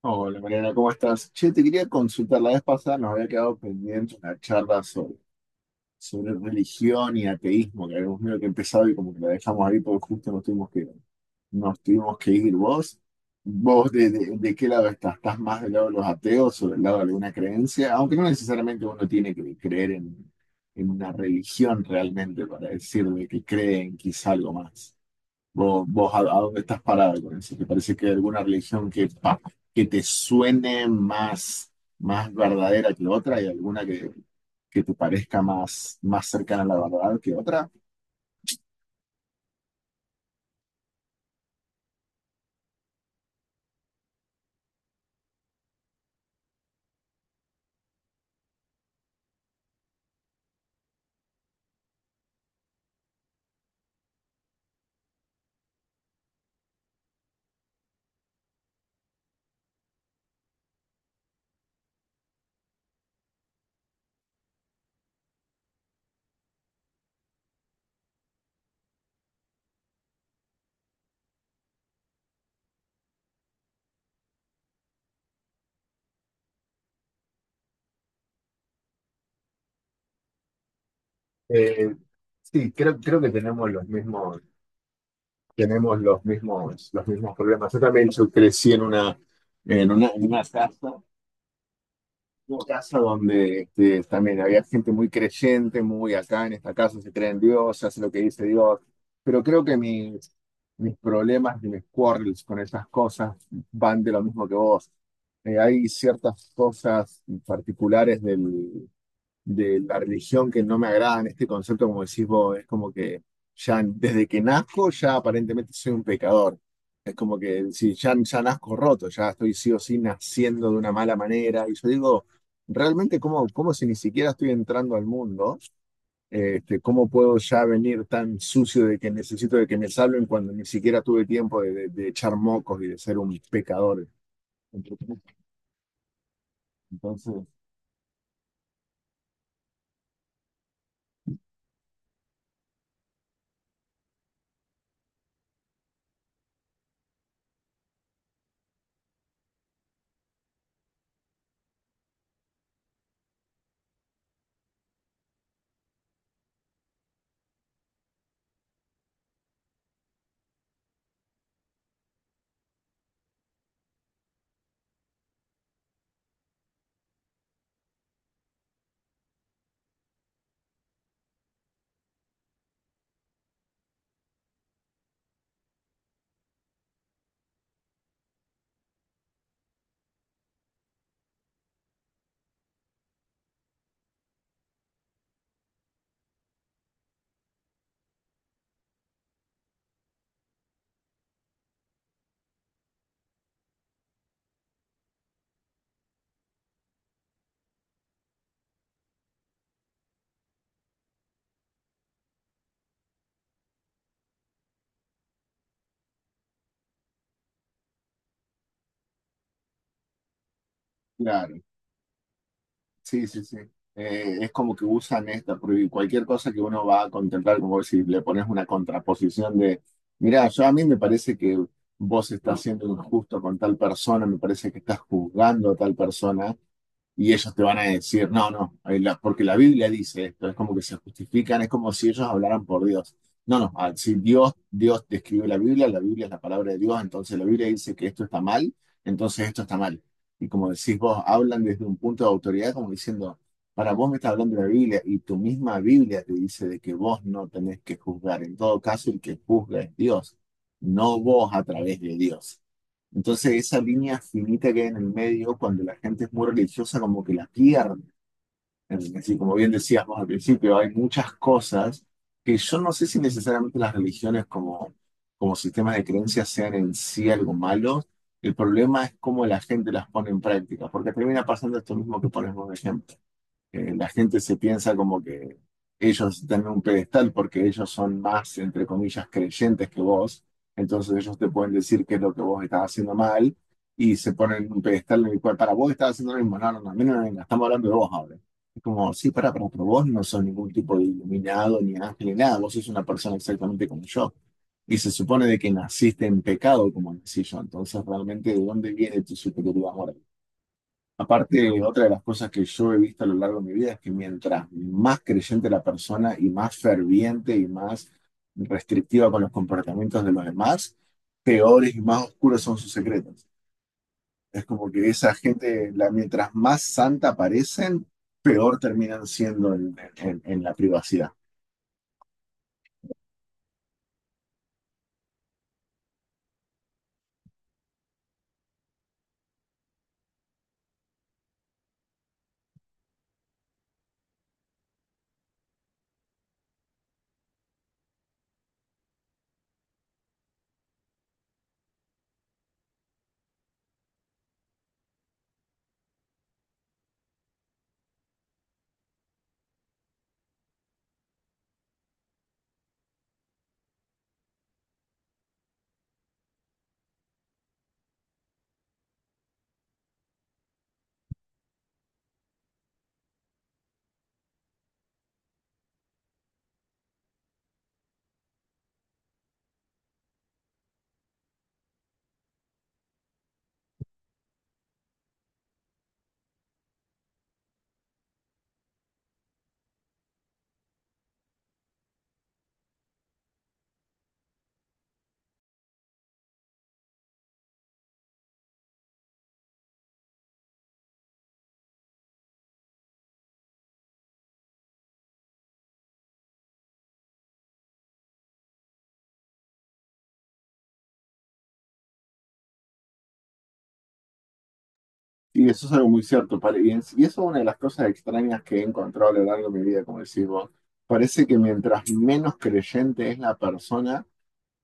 Hola Mariana, ¿cómo estás? Che, te quería consultar, la vez pasada nos había quedado pendiente una charla sobre religión y ateísmo, que habíamos medio que empezado y como que la dejamos ahí porque justo nos tuvimos que ir. ¿Vos, de qué lado estás? ¿Estás más del lado de los ateos o del lado de alguna creencia? Aunque no necesariamente uno tiene que creer en una religión realmente para decir de que cree en quizá algo más. ¿Vos, a dónde estás parado con eso? ¿Te parece que hay alguna religión que te suene más verdadera que otra y alguna que te parezca más cercana a la verdad que otra? Eh, sí, creo que tenemos los mismos problemas. Yo también, yo crecí en una casa. Una casa donde también había gente muy creyente, muy acá en esta casa se cree en Dios, se hace lo que dice Dios. Pero creo que mis problemas y mis quarrels con esas cosas van de lo mismo que vos. Hay ciertas cosas particulares de la religión que no me agradan, este concepto, como decís vos, es como que ya desde que nazco, ya aparentemente soy un pecador. Es como que si ya nazco roto, ya estoy sí o sí naciendo de una mala manera. Y yo digo, realmente, ¿cómo si ni siquiera estoy entrando al mundo? Este, ¿cómo puedo ya venir tan sucio de que necesito de que me salven cuando ni siquiera tuve tiempo de echar mocos y de ser un pecador? Entonces, claro, sí, sí, sí. Es como que usan esta, porque cualquier cosa que uno va a contemplar, como si le pones una contraposición de, mira, yo a mí me parece que vos estás siendo injusto con tal persona, me parece que estás juzgando a tal persona, y ellos te van a decir, no, no, porque la Biblia dice esto, es como que se justifican, es como si ellos hablaran por Dios. No, no, ah, si Dios, Dios te escribió la Biblia es la palabra de Dios, entonces la Biblia dice que esto está mal, entonces esto está mal. Y como decís vos, hablan desde un punto de autoridad como diciendo, para vos me estás hablando de la Biblia y tu misma Biblia te dice de que vos no tenés que juzgar. En todo caso, el que juzga es Dios, no vos a través de Dios. Entonces esa línea finita que hay en el medio, cuando la gente es muy religiosa, como que la pierde. Es decir, como bien decíamos al principio, hay muchas cosas que yo no sé si necesariamente como sistemas de creencias sean en sí algo malo. El problema es cómo la gente las pone en práctica, porque termina pasando esto mismo que ponemos de ejemplo. La gente se piensa como que ellos están en un pedestal porque ellos son más, entre comillas, creyentes que vos, entonces ellos te pueden decir qué es lo que vos estás haciendo mal y se ponen en un pedestal en el cual para vos estás haciendo lo mismo, no, no, no, a mí no, no, no, estamos hablando de vos ahora. Es como, sí, para, pero vos no sos ningún tipo de iluminado, ni ángel, ni nada, vos sos una persona exactamente como yo. Y se supone de que naciste en pecado, como decía yo, entonces realmente, ¿de dónde viene tu superioridad moral? Aparte, otra de las cosas que yo he visto a lo largo de mi vida es que mientras más creyente la persona y más ferviente y más restrictiva con los comportamientos de los demás, peores y más oscuros son sus secretos. Es como que esa gente, mientras más santa parecen, peor terminan siendo en la privacidad. Y eso es algo muy cierto. Y eso es una de las cosas extrañas que he encontrado a lo largo de mi vida, como decís vos. Parece que mientras menos creyente es la persona,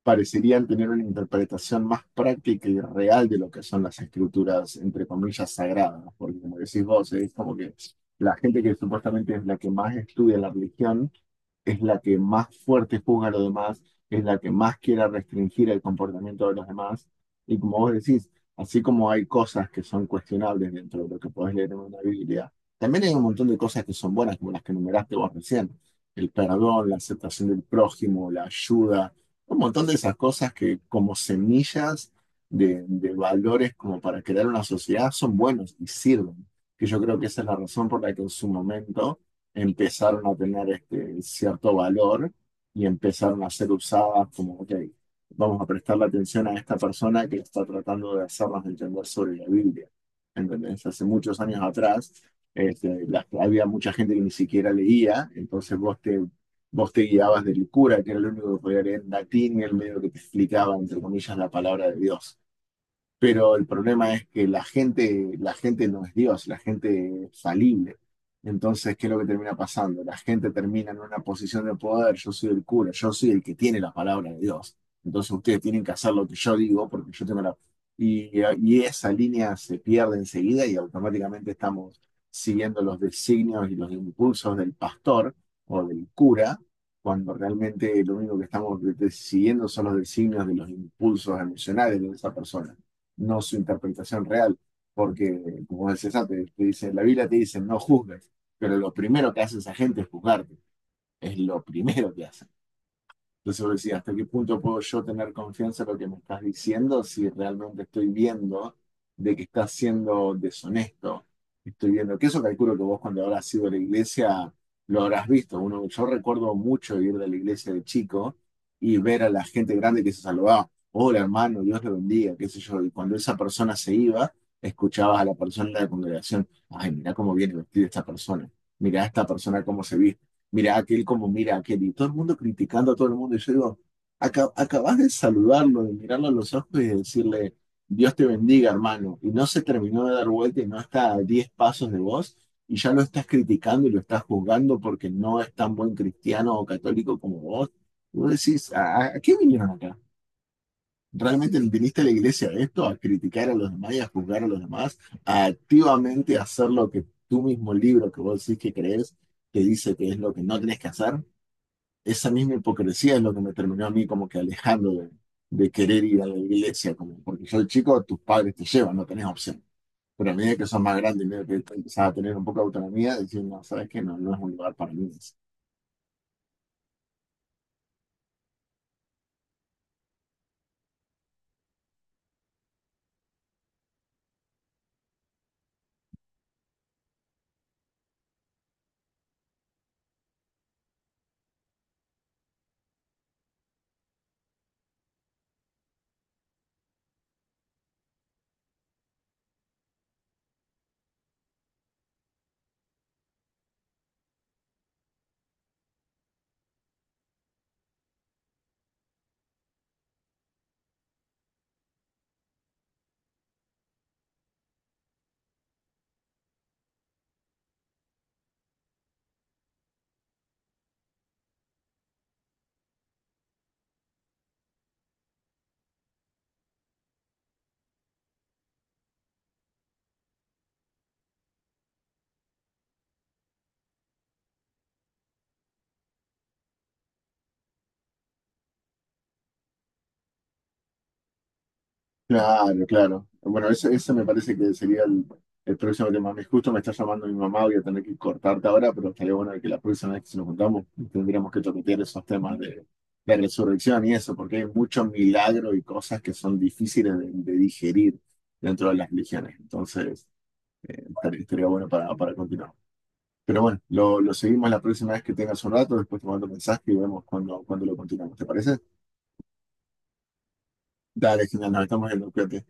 parecerían tener una interpretación más práctica y real de lo que son las escrituras, entre comillas, sagradas, porque como decís vos, es como que la gente que supuestamente es la que más estudia la religión, es la que más fuerte juzga a los demás, es la que más quiere restringir el comportamiento de los demás, y como vos decís, así como hay cosas que son cuestionables dentro de lo que podés leer en una Biblia, también hay un montón de cosas que son buenas, como las que enumeraste vos recién, el perdón, la aceptación del prójimo, la ayuda, un montón de esas cosas que como semillas de valores como para crear una sociedad son buenos y sirven. Que yo creo que esa es la razón por la que en su momento empezaron a tener este cierto valor y empezaron a ser usadas como, ok, vamos a prestarle atención a esta persona que está tratando de hacernos entender sobre la Biblia. ¿Entendés? Hace muchos años atrás, había mucha gente que ni siquiera leía, entonces vos te guiabas de Licura, que era lo único que podía leer en latín, y el medio que te explicaba, entre comillas, la palabra de Dios. Pero el problema es que la gente no es Dios, la gente es falible. Entonces, ¿qué es lo que termina pasando? La gente termina en una posición de poder, yo soy el cura, yo soy el que tiene la palabra de Dios. Entonces ustedes tienen que hacer lo que yo digo porque yo tengo la... Y, y esa línea se pierde enseguida y automáticamente estamos siguiendo los designios y los impulsos del pastor o del cura, cuando realmente lo único que estamos siguiendo son los designios de los impulsos emocionales de esa persona, no su interpretación real. Porque, como decías antes, te dice, la Biblia te dice, no juzgues, pero lo primero que hace esa gente es juzgarte. Es lo primero que hace. Entonces vos decís, ¿hasta qué punto puedo yo tener confianza en lo que me estás diciendo si realmente estoy viendo de que estás siendo deshonesto? Estoy viendo que eso calculo que vos cuando habrás ido a la iglesia lo habrás visto. Uno, yo recuerdo mucho ir de la iglesia de chico y ver a la gente grande que se saludaba. Hola hermano, Dios te bendiga, qué sé yo. Y cuando esa persona se iba, escuchabas a la persona de la congregación, ay, mirá cómo viene vestida esta persona, mirá esta persona cómo se viste, mira aquel como mira aquel, y todo el mundo criticando a todo el mundo. Y yo digo, Acabas de saludarlo, de mirarlo a los ojos y de decirle, Dios te bendiga, hermano. Y no se terminó de dar vuelta y no está a 10 pasos de vos, y ya lo estás criticando y lo estás juzgando porque no es tan buen cristiano o católico como vos. Y vos decís, a qué vinieron acá? ¿Realmente viniste a la iglesia a esto? ¿A criticar a los demás y a juzgar a los demás? ¿A activamente hacer lo que tu mismo libro que vos decís que crees te dice que es lo que no tenés que hacer? Esa misma hipocresía es lo que me terminó a mí como que alejando de querer ir a la iglesia, como porque yo de chico tus padres te llevan, no tenés opción. Pero a medida que sos más grande y medio que empezás a tener un poco de autonomía, decís, no, sabes que no, no es un lugar para mí. Claro, claro. Bueno, ese me parece que sería el próximo tema. Me justo me está llamando mi mamá, voy a tener que cortarte ahora, pero estaría bueno que la próxima vez que nos juntamos tendríamos que toquetear esos temas de resurrección y eso, porque hay mucho milagro y cosas que son difíciles de digerir dentro de las religiones. Entonces, estaría bueno para continuar. Pero bueno, lo seguimos la próxima vez que tengas un rato, después te mando un mensaje y vemos cuando lo continuamos. ¿Te parece? Dale, genial, nos estamos viendo, cuídate.